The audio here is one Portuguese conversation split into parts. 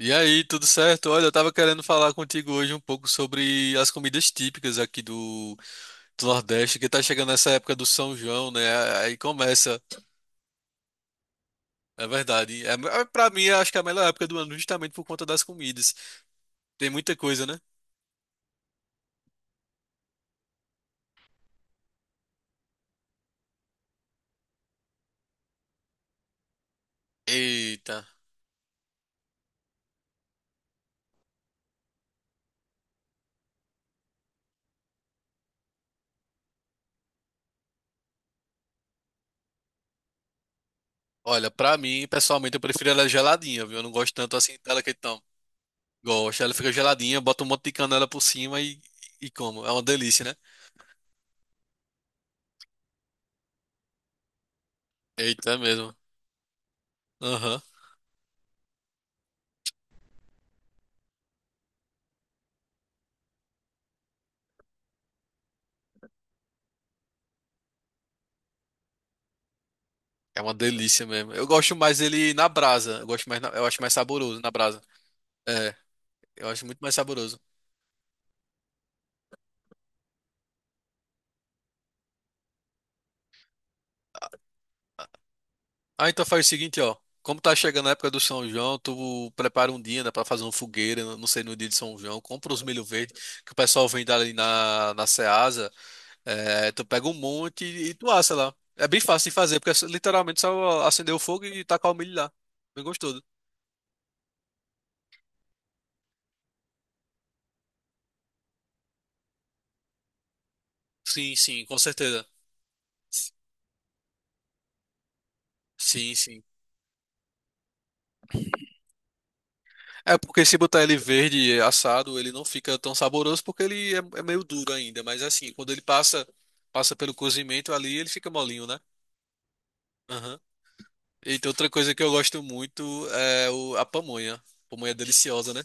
E aí, tudo certo? Olha, eu tava querendo falar contigo hoje um pouco sobre as comidas típicas aqui do, do Nordeste, que tá chegando essa época do São João, né? Aí começa, é verdade. Pra mim, eu acho que é a melhor época do ano, justamente por conta das comidas. Tem muita coisa, né? Eita. Olha, pra mim, pessoalmente, eu prefiro ela geladinha, viu? Eu não gosto tanto assim dela que então. Gosto, ela fica geladinha, bota um monte de canela por cima e como. É uma delícia, né? Eita, é mesmo. Aham. É uma delícia mesmo. Eu gosto mais dele na brasa. Eu gosto mais, eu acho mais saboroso na brasa. É, eu acho muito mais saboroso. Ah, então faz o seguinte, ó. Como tá chegando a época do São João, tu prepara um dia, né, pra fazer uma fogueira, eu não sei, no dia de São João, compra os milho verde, que o pessoal vende ali na Ceasa, é, tu pega um monte e tu assa lá. É bem fácil de fazer, porque é literalmente só acender o fogo e tacar o milho lá. Bem gostoso. Sim, sim, com certeza. Sim, sim. É porque se botar ele verde assado, ele não fica tão saboroso porque ele é meio duro ainda. Mas assim, quando ele passa passa pelo cozimento ali, ele fica molinho, né? Aham. E tem outra coisa que eu gosto muito é a pamonha. Pamonha é deliciosa, né?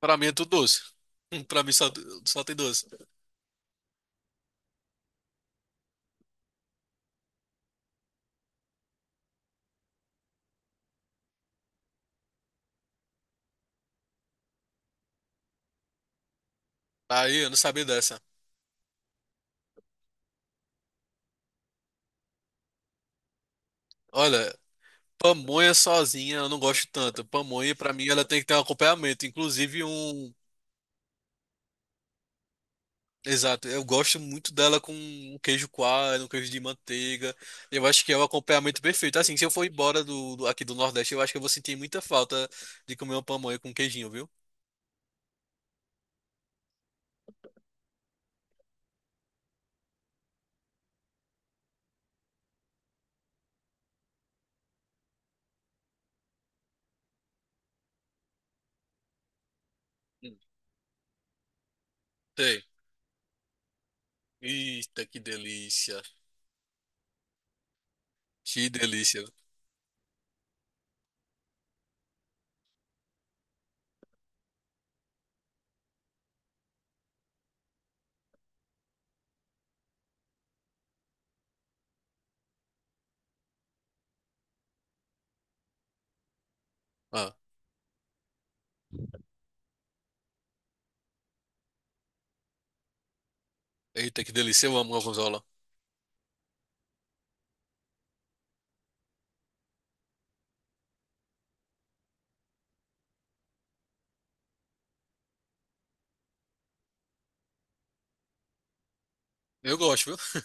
Pra mim é tudo doce. Pra mim só, só tem doce. Aí eu não sabia dessa. Olha, pamonha sozinha eu não gosto tanto. Pamonha, pra mim, ela tem que ter um acompanhamento. Inclusive um. Exato, eu gosto muito dela com um queijo coalho, um queijo de manteiga. Eu acho que é o acompanhamento perfeito. Assim, se eu for embora aqui do Nordeste, eu acho que eu vou sentir muita falta de comer uma pamonha com queijinho, viu? Hum. Sei. Eita, que delícia. Que delícia. Ah, eita, que delícia. Eu amo gorgonzola. Eu gosto, viu?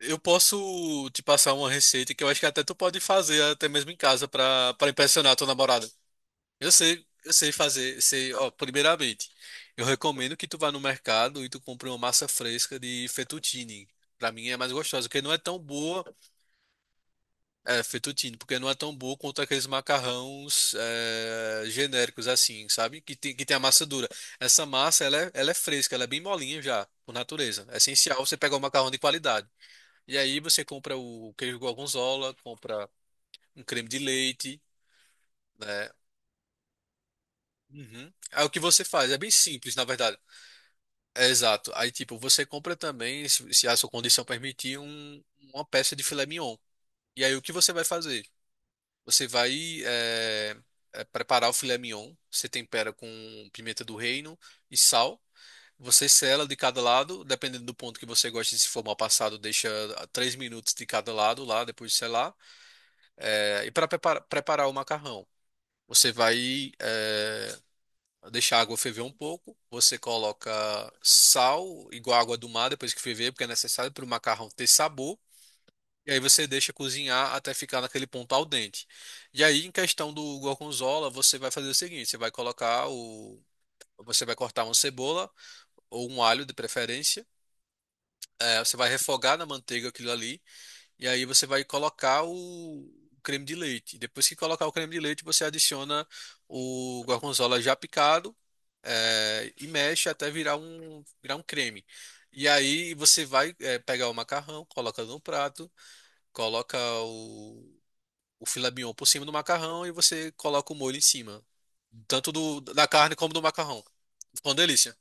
Eu posso te passar uma receita que eu acho que até tu pode fazer até mesmo em casa para para impressionar a tua namorada. Eu sei fazer, sei, ó, primeiramente, eu recomendo que tu vá no mercado e tu compre uma massa fresca de fettuccine. Para mim é mais gostosa, porque não é tão boa, é, fettuccine, porque não é tão boa quanto aqueles macarrões é, genéricos assim, sabe? Que tem a massa dura. Essa massa, ela é fresca, ela é bem molinha já, por natureza. É essencial você pegar um macarrão de qualidade. E aí você compra o queijo gorgonzola, compra um creme de leite, né? Uhum. Aí o que você faz? É bem simples, na verdade. É exato. Aí, tipo, você compra também, se a sua condição permitir, uma peça de filé mignon. E aí o que você vai fazer? Você vai é, preparar o filé mignon, você tempera com pimenta do reino e sal. Você sela de cada lado, dependendo do ponto que você gosta, se for mal passado, deixa 3 minutos de cada lado lá, depois de selar. É, e para preparar o macarrão, você vai deixar a água ferver um pouco, você coloca sal, igual a água do mar, depois que ferver, porque é necessário para o macarrão ter sabor. E aí você deixa cozinhar até ficar naquele ponto al dente. E aí, em questão do gorgonzola, você vai fazer o seguinte: você vai colocar o. Você vai cortar uma cebola ou um alho, de preferência. É, você vai refogar na manteiga aquilo ali. E aí você vai colocar o creme de leite. Depois que colocar o creme de leite, você adiciona o gorgonzola já picado, e mexe até virar um creme. E aí você vai, pegar o macarrão, coloca no prato, coloca o, o filé mignon por cima do macarrão e você coloca o molho em cima. Tanto da carne como do macarrão. Ficou uma delícia.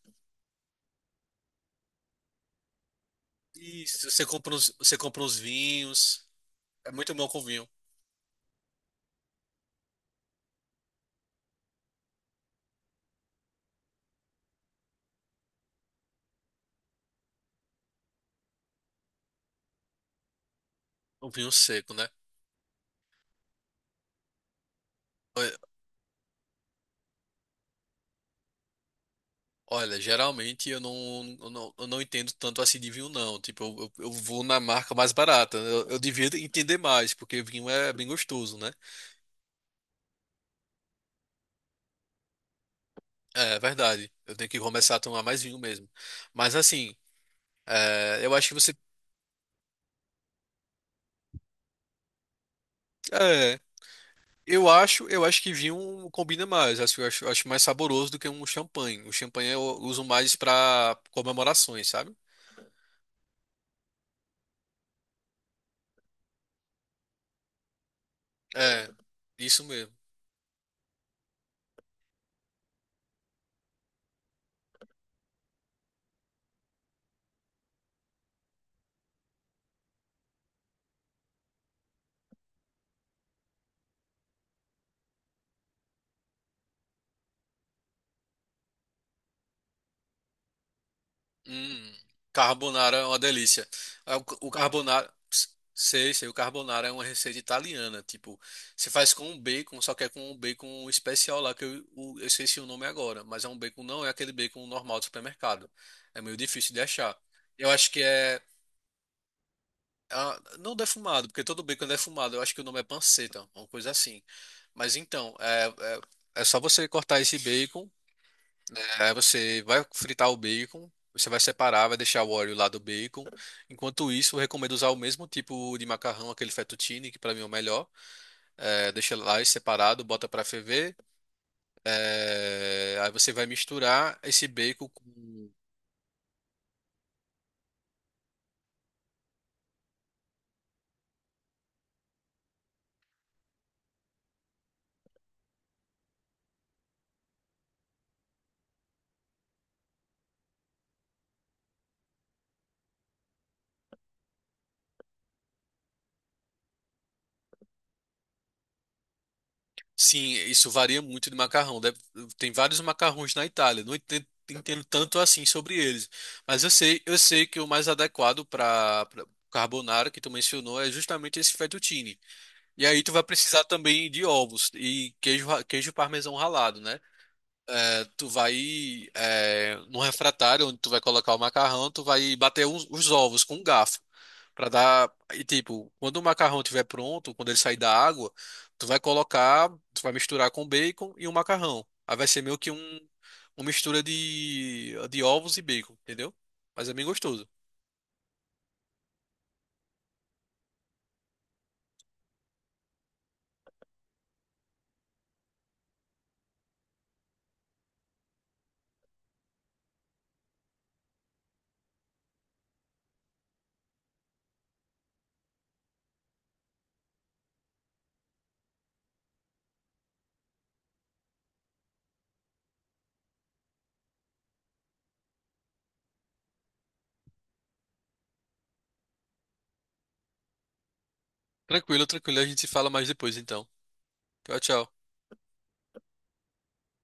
Isso, você compra uns vinhos. É muito bom com vinho. Um vinho seco, né? Olha, geralmente eu não entendo tanto assim de vinho, não. Tipo, eu vou na marca mais barata. Eu devia entender mais, porque vinho é bem gostoso, né? É verdade. Eu tenho que começar a tomar mais vinho mesmo. Mas assim, é, eu acho que você. É, eu acho que vinho combina mais. Acho, eu acho mais saboroso do que um champanhe. O champanhe eu uso mais para comemorações, sabe? É, isso mesmo. Hum, carbonara é uma delícia. Ah, o carbonara, sei, sei, o carbonara é uma receita italiana, tipo, você faz com um bacon, só que é com um bacon especial lá que eu, eu esqueci o nome agora, mas é um bacon, não é aquele bacon normal do supermercado. É meio difícil de achar. Eu acho que é não defumado, porque todo bacon é defumado. Eu acho que o nome é panceta, uma coisa assim. Mas então, é só você cortar esse bacon. Aí você vai fritar o bacon, você vai separar, vai deixar o óleo lá do bacon. Enquanto isso, eu recomendo usar o mesmo tipo de macarrão, aquele fettuccine, que para mim é o melhor. É, deixa lá separado, bota para ferver. É, aí você vai misturar esse bacon com. Sim, isso varia muito de macarrão. Deve- Tem vários macarrões na Itália. Não entendo, tanto assim sobre eles. Mas eu sei que o mais adequado para carbonara que tu mencionou é justamente esse fettuccine. E aí tu vai precisar também de ovos e queijo, queijo parmesão ralado, né? É, tu vai num refratário onde tu vai colocar o macarrão, tu vai bater os ovos com um garfo para dar e tipo, quando o macarrão estiver pronto, quando ele sair da água, tu vai colocar, tu vai misturar com bacon e o macarrão. Aí vai ser meio que um uma mistura de ovos e bacon, entendeu? Mas é bem gostoso. Tranquilo, tranquilo, a gente se fala mais depois então. Tchau, tchau.